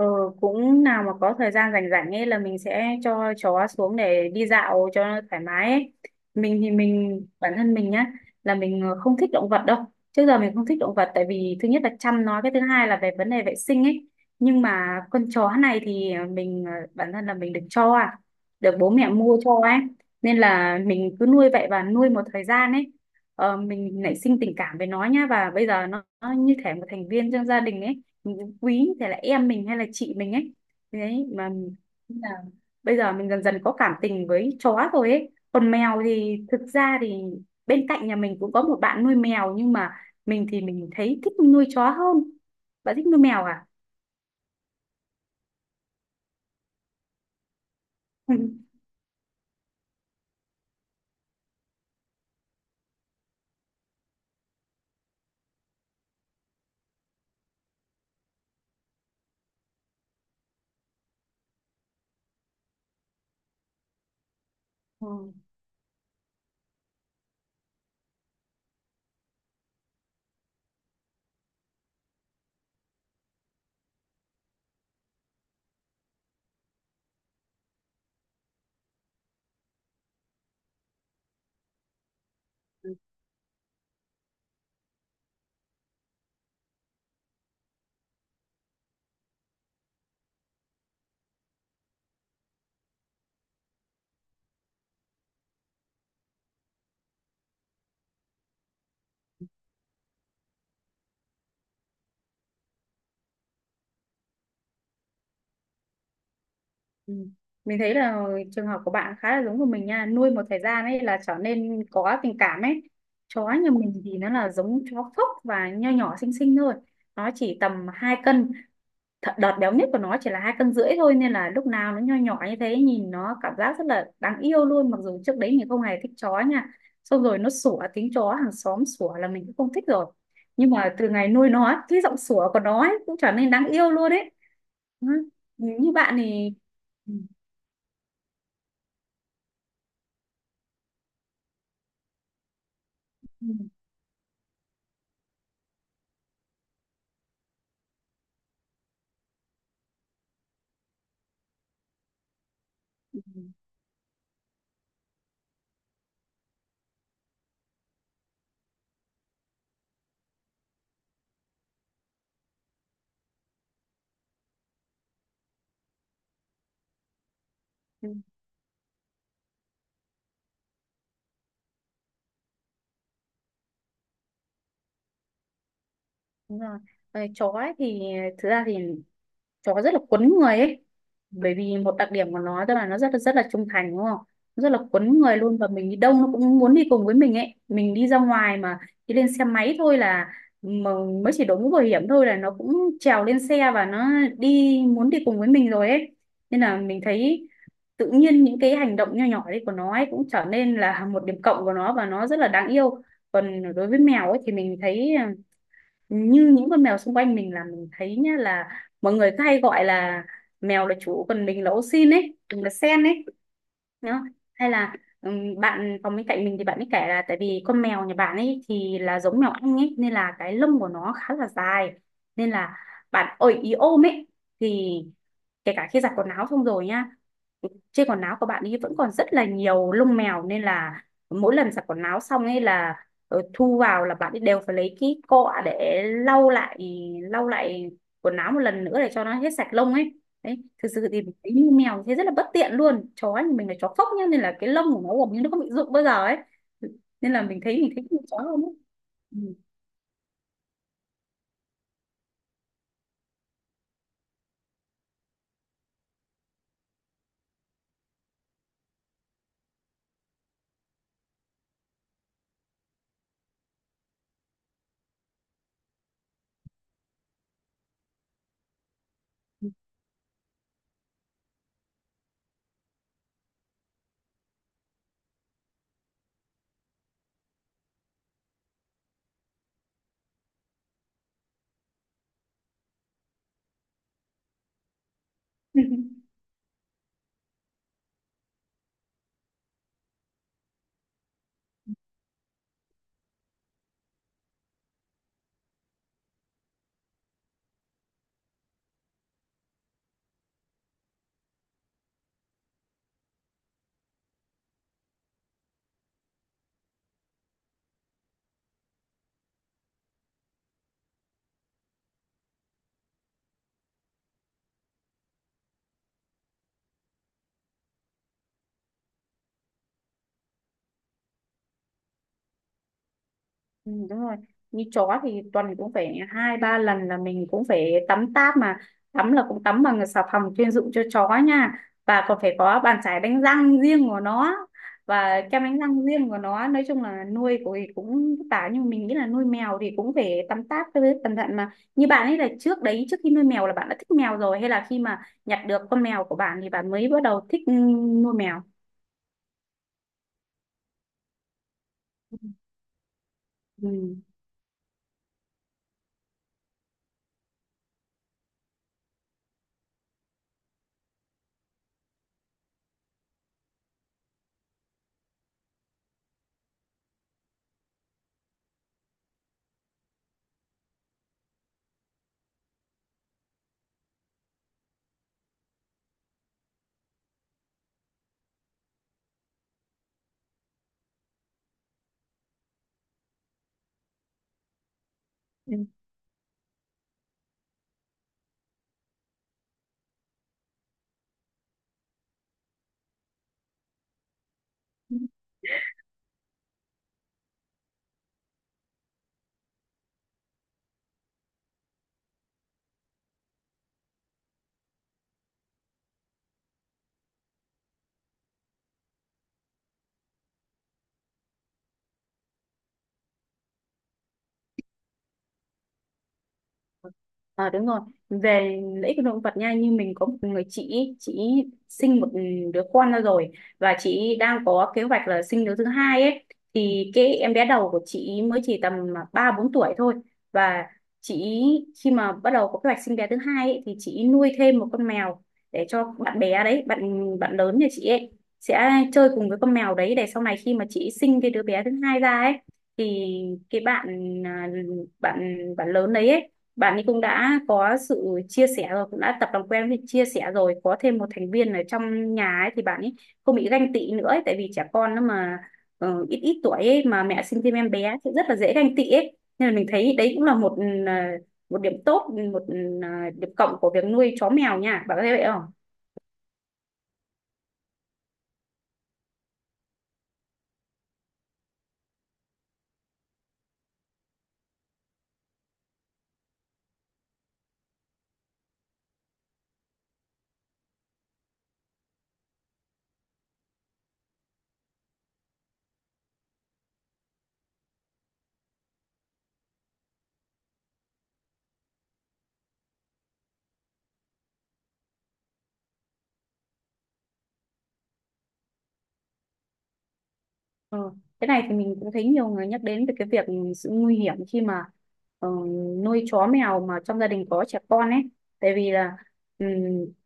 Ừ, cũng nào mà có thời gian rảnh rảnh ấy là mình sẽ cho chó xuống để đi dạo cho nó thoải mái ấy. Mình thì mình bản thân mình nhá là mình không thích động vật đâu. Trước giờ mình không thích động vật tại vì thứ nhất là chăm nó, cái thứ hai là về vấn đề vệ sinh ấy. Nhưng mà con chó này thì mình bản thân là mình được bố mẹ mua cho ấy. Nên là mình cứ nuôi vậy và nuôi một thời gian ấy. Ờ, mình nảy sinh tình cảm với nó nhá và bây giờ nó như thể một thành viên trong gia đình ấy, mình quý thì là em mình hay là chị mình ấy đấy mà. Nhưng bây giờ mình dần dần có cảm tình với chó rồi ấy, còn mèo thì thực ra thì bên cạnh nhà mình cũng có một bạn nuôi mèo nhưng mà mình thì mình thấy thích nuôi chó hơn. Bạn thích nuôi mèo à? Ừ. Ừ. Ừ. Mình thấy là trường hợp của bạn khá là giống của mình nha, nuôi một thời gian ấy là trở nên có tình cảm ấy. Chó nhà mình thì nó là giống chó phốc và nho nhỏ xinh xinh thôi, nó chỉ tầm 2 cân. Đợt béo nhất của nó chỉ là 2 cân rưỡi thôi, nên là lúc nào nó nho nhỏ như thế, nhìn nó cảm giác rất là đáng yêu luôn, mặc dù trước đấy mình không hề thích chó nha, xong rồi nó sủa tiếng chó hàng xóm sủa là mình cũng không thích rồi. Nhưng mà từ ngày nuôi nó cái giọng sủa của nó ấy, cũng trở nên đáng yêu luôn đấy. Ừ, như bạn thì ừ, ừ, ừ, ừ, ừ, ừ, ừ, ừ. Đúng rồi. Ờ, chó ấy thì thực ra thì chó rất là quấn người ấy, bởi vì một đặc điểm của nó tức là nó rất là trung thành đúng không? Nó rất là quấn người luôn và mình đi đâu nó cũng muốn đi cùng với mình ấy, mình đi ra ngoài mà đi lên xe máy thôi là, mà mới chỉ đội mũ bảo hiểm thôi là nó cũng trèo lên xe và nó đi muốn đi cùng với mình rồi ấy. Nên là mình thấy tự nhiên những cái hành động nho nhỏ đấy của nó ấy cũng trở nên là một điểm cộng của nó và nó rất là đáng yêu. Còn đối với mèo ấy thì mình thấy à, như những con mèo xung quanh mình là mình thấy nhá, là mọi người cứ hay gọi là mèo là chủ còn mình là ô xin ấy, mình là sen ấy đó. Hay là bạn phòng bên cạnh mình thì bạn ấy kể là tại vì con mèo nhà bạn ấy thì là giống mèo Anh ấy nên là cái lông của nó khá là dài, nên là bạn ơi ý ôm ấy, thì kể cả khi giặt quần áo xong rồi nhá, trên quần áo của bạn ấy vẫn còn rất là nhiều lông mèo, nên là mỗi lần giặt quần áo xong ấy là rồi thu vào là bạn ấy đều phải lấy cái cọ để lau lại quần áo một lần nữa để cho nó hết sạch lông ấy. Đấy, thực sự thì mình thấy như mèo thế rất là bất tiện luôn. Chó thì mình là chó phốc nhá nên là cái lông của nó gần như nó không bị rụng bao giờ ấy, nên là mình thấy mình thích con chó hơn ấy. Ừ. Ừ, đúng rồi, như chó thì tuần cũng phải 2-3 lần là mình cũng phải tắm táp mà, tắm là cũng tắm bằng xà phòng chuyên dụng cho chó nha, và còn phải có bàn chải đánh răng riêng của nó và kem đánh răng riêng của nó, nói chung là nuôi của thì cũng vất vả nhưng mà mình nghĩ là nuôi mèo thì cũng phải tắm táp với cẩn thận mà. Như bạn ấy là trước đấy trước khi nuôi mèo là bạn đã thích mèo rồi hay là khi mà nhặt được con mèo của bạn thì bạn mới bắt đầu thích nuôi mèo? Ừ. Ờ đúng rồi, về lợi ích của động vật nha, như mình có một người chị ý sinh một đứa con ra rồi, và chị ý đang có kế hoạch là sinh đứa thứ hai ấy, thì cái em bé đầu của chị ý mới chỉ tầm 3-4 tuổi thôi, và chị ý khi mà bắt đầu có kế hoạch sinh bé thứ hai ấy, thì chị ý nuôi thêm một con mèo để cho bạn bé đấy, bạn bạn lớn nhà chị ấy sẽ chơi cùng với con mèo đấy để sau này khi mà chị ý sinh cái đứa bé thứ hai ra ấy, thì cái bạn à, bạn bạn lớn đấy ấy, bạn ấy cũng đã có sự chia sẻ rồi, cũng đã tập làm quen với chia sẻ rồi có thêm một thành viên ở trong nhà ấy thì bạn ấy không bị ganh tị nữa ấy, tại vì trẻ con nó mà ít ít tuổi ấy, mà mẹ sinh thêm em bé thì rất là dễ ganh tị ấy, nên là mình thấy đấy cũng là một một điểm tốt, một điểm cộng của việc nuôi chó mèo nha, bạn có thấy vậy không? Ờ, cái này thì mình cũng thấy nhiều người nhắc đến về cái việc sự nguy hiểm khi mà ờ, nuôi chó mèo mà trong gia đình có trẻ con ấy. Tại vì là ừm,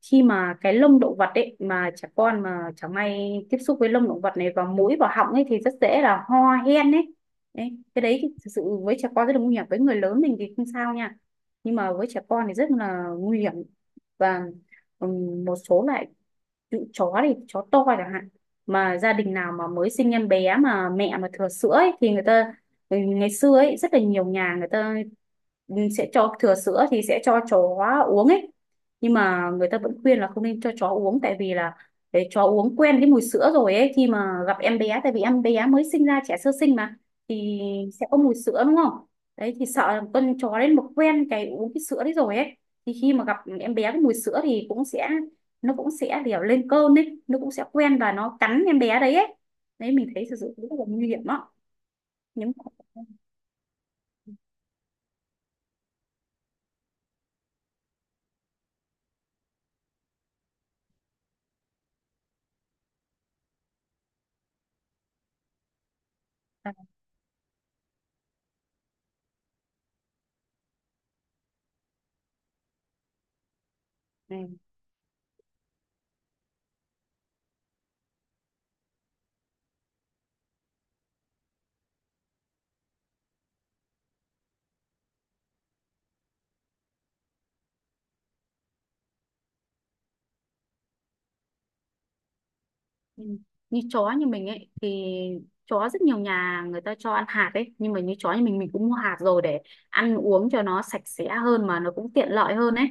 khi mà cái lông động vật ấy mà trẻ con mà chẳng may tiếp xúc với lông động vật này vào mũi vào họng ấy thì rất dễ là ho hen ấy. Đấy, cái đấy thì thực sự với trẻ con rất là nguy hiểm. Với người lớn mình thì không sao nha. Nhưng mà với trẻ con thì rất là nguy hiểm. Và một số loại chó thì chó to chẳng hạn, mà gia đình nào mà mới sinh em bé mà mẹ mà thừa sữa ấy, thì người ta ngày xưa ấy rất là nhiều nhà người ta sẽ cho thừa sữa thì sẽ cho chó uống ấy, nhưng mà người ta vẫn khuyên là không nên cho chó uống tại vì là để chó uống quen cái mùi sữa rồi ấy, khi mà gặp em bé tại vì em bé mới sinh ra trẻ sơ sinh mà thì sẽ có mùi sữa đúng không, đấy thì sợ là con chó đến một quen cái uống cái sữa đấy rồi ấy, thì khi mà gặp em bé có mùi sữa thì cũng sẽ, nó cũng sẽ kiểu lên cơn ấy, nó cũng sẽ quen và nó cắn em bé đấy ấy. Đấy, mình thấy thực sự rất là nguy hiểm đó. những Ừ. Như chó như mình ấy thì chó rất nhiều nhà người ta cho ăn hạt ấy, nhưng mà như chó như mình cũng mua hạt rồi để ăn uống cho nó sạch sẽ hơn mà nó cũng tiện lợi hơn ấy,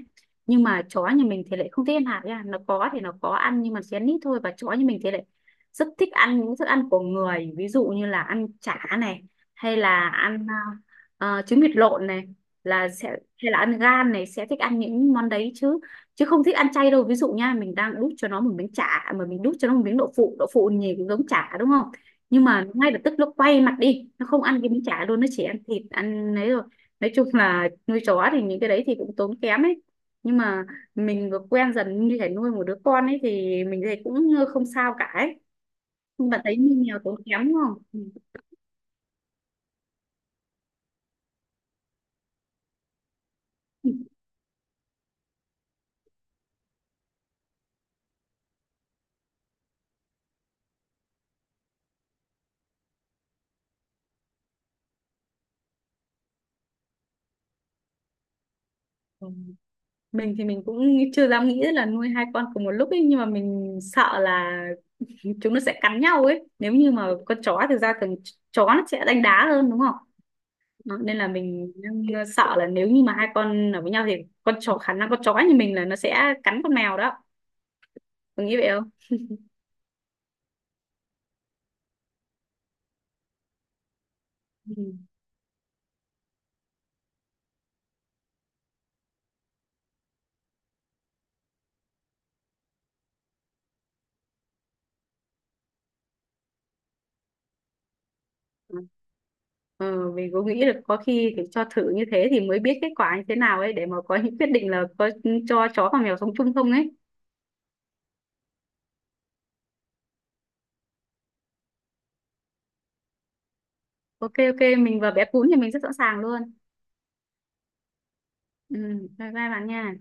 nhưng mà chó như mình thì lại không thích ăn hạt nha, nó có thì nó có ăn nhưng mà chén ít thôi, và chó như mình thì lại rất thích ăn những thức ăn của người ví dụ như là ăn chả này, hay là ăn trứng vịt lộn này là sẽ, hay là ăn gan này, sẽ thích ăn những món đấy chứ, chứ không thích ăn chay đâu. Ví dụ nha, mình đang đút cho nó một miếng chả à, mà mình đút cho nó một miếng đậu phụ, đậu phụ nhìn cũng giống chả đúng không? Nhưng mà ngay lập tức nó quay mặt đi, nó không ăn cái miếng chả luôn, nó chỉ ăn thịt ăn ấy rồi. Nói chung là nuôi chó thì những cái đấy thì cũng tốn kém ấy, nhưng mà mình vừa quen dần như thể nuôi một đứa con ấy thì mình thấy cũng không sao cả ấy. Nhưng mà thấy như mèo tốn kém đúng không? Ừ. Ừ. Mình thì mình cũng chưa dám nghĩ là nuôi hai con cùng một lúc ấy nhưng mà mình sợ là chúng nó sẽ cắn nhau ấy, nếu như mà con chó thực ra thường chó nó sẽ đánh đá hơn đúng không? Đó, nên là mình đang sợ là nếu như mà hai con ở với nhau thì con chó khả năng con chó như mình là nó sẽ cắn con mèo đó, có nghĩ vậy không? Ừ. Ừ. Ờ, mình cũng nghĩ được, có khi phải cho thử như thế thì mới biết kết quả như thế nào ấy để mà có những quyết định là có cho chó và mèo sống chung không ấy. OK OK, mình và bé cún thì mình rất sẵn sàng luôn. Ừ, bye bye bạn nha.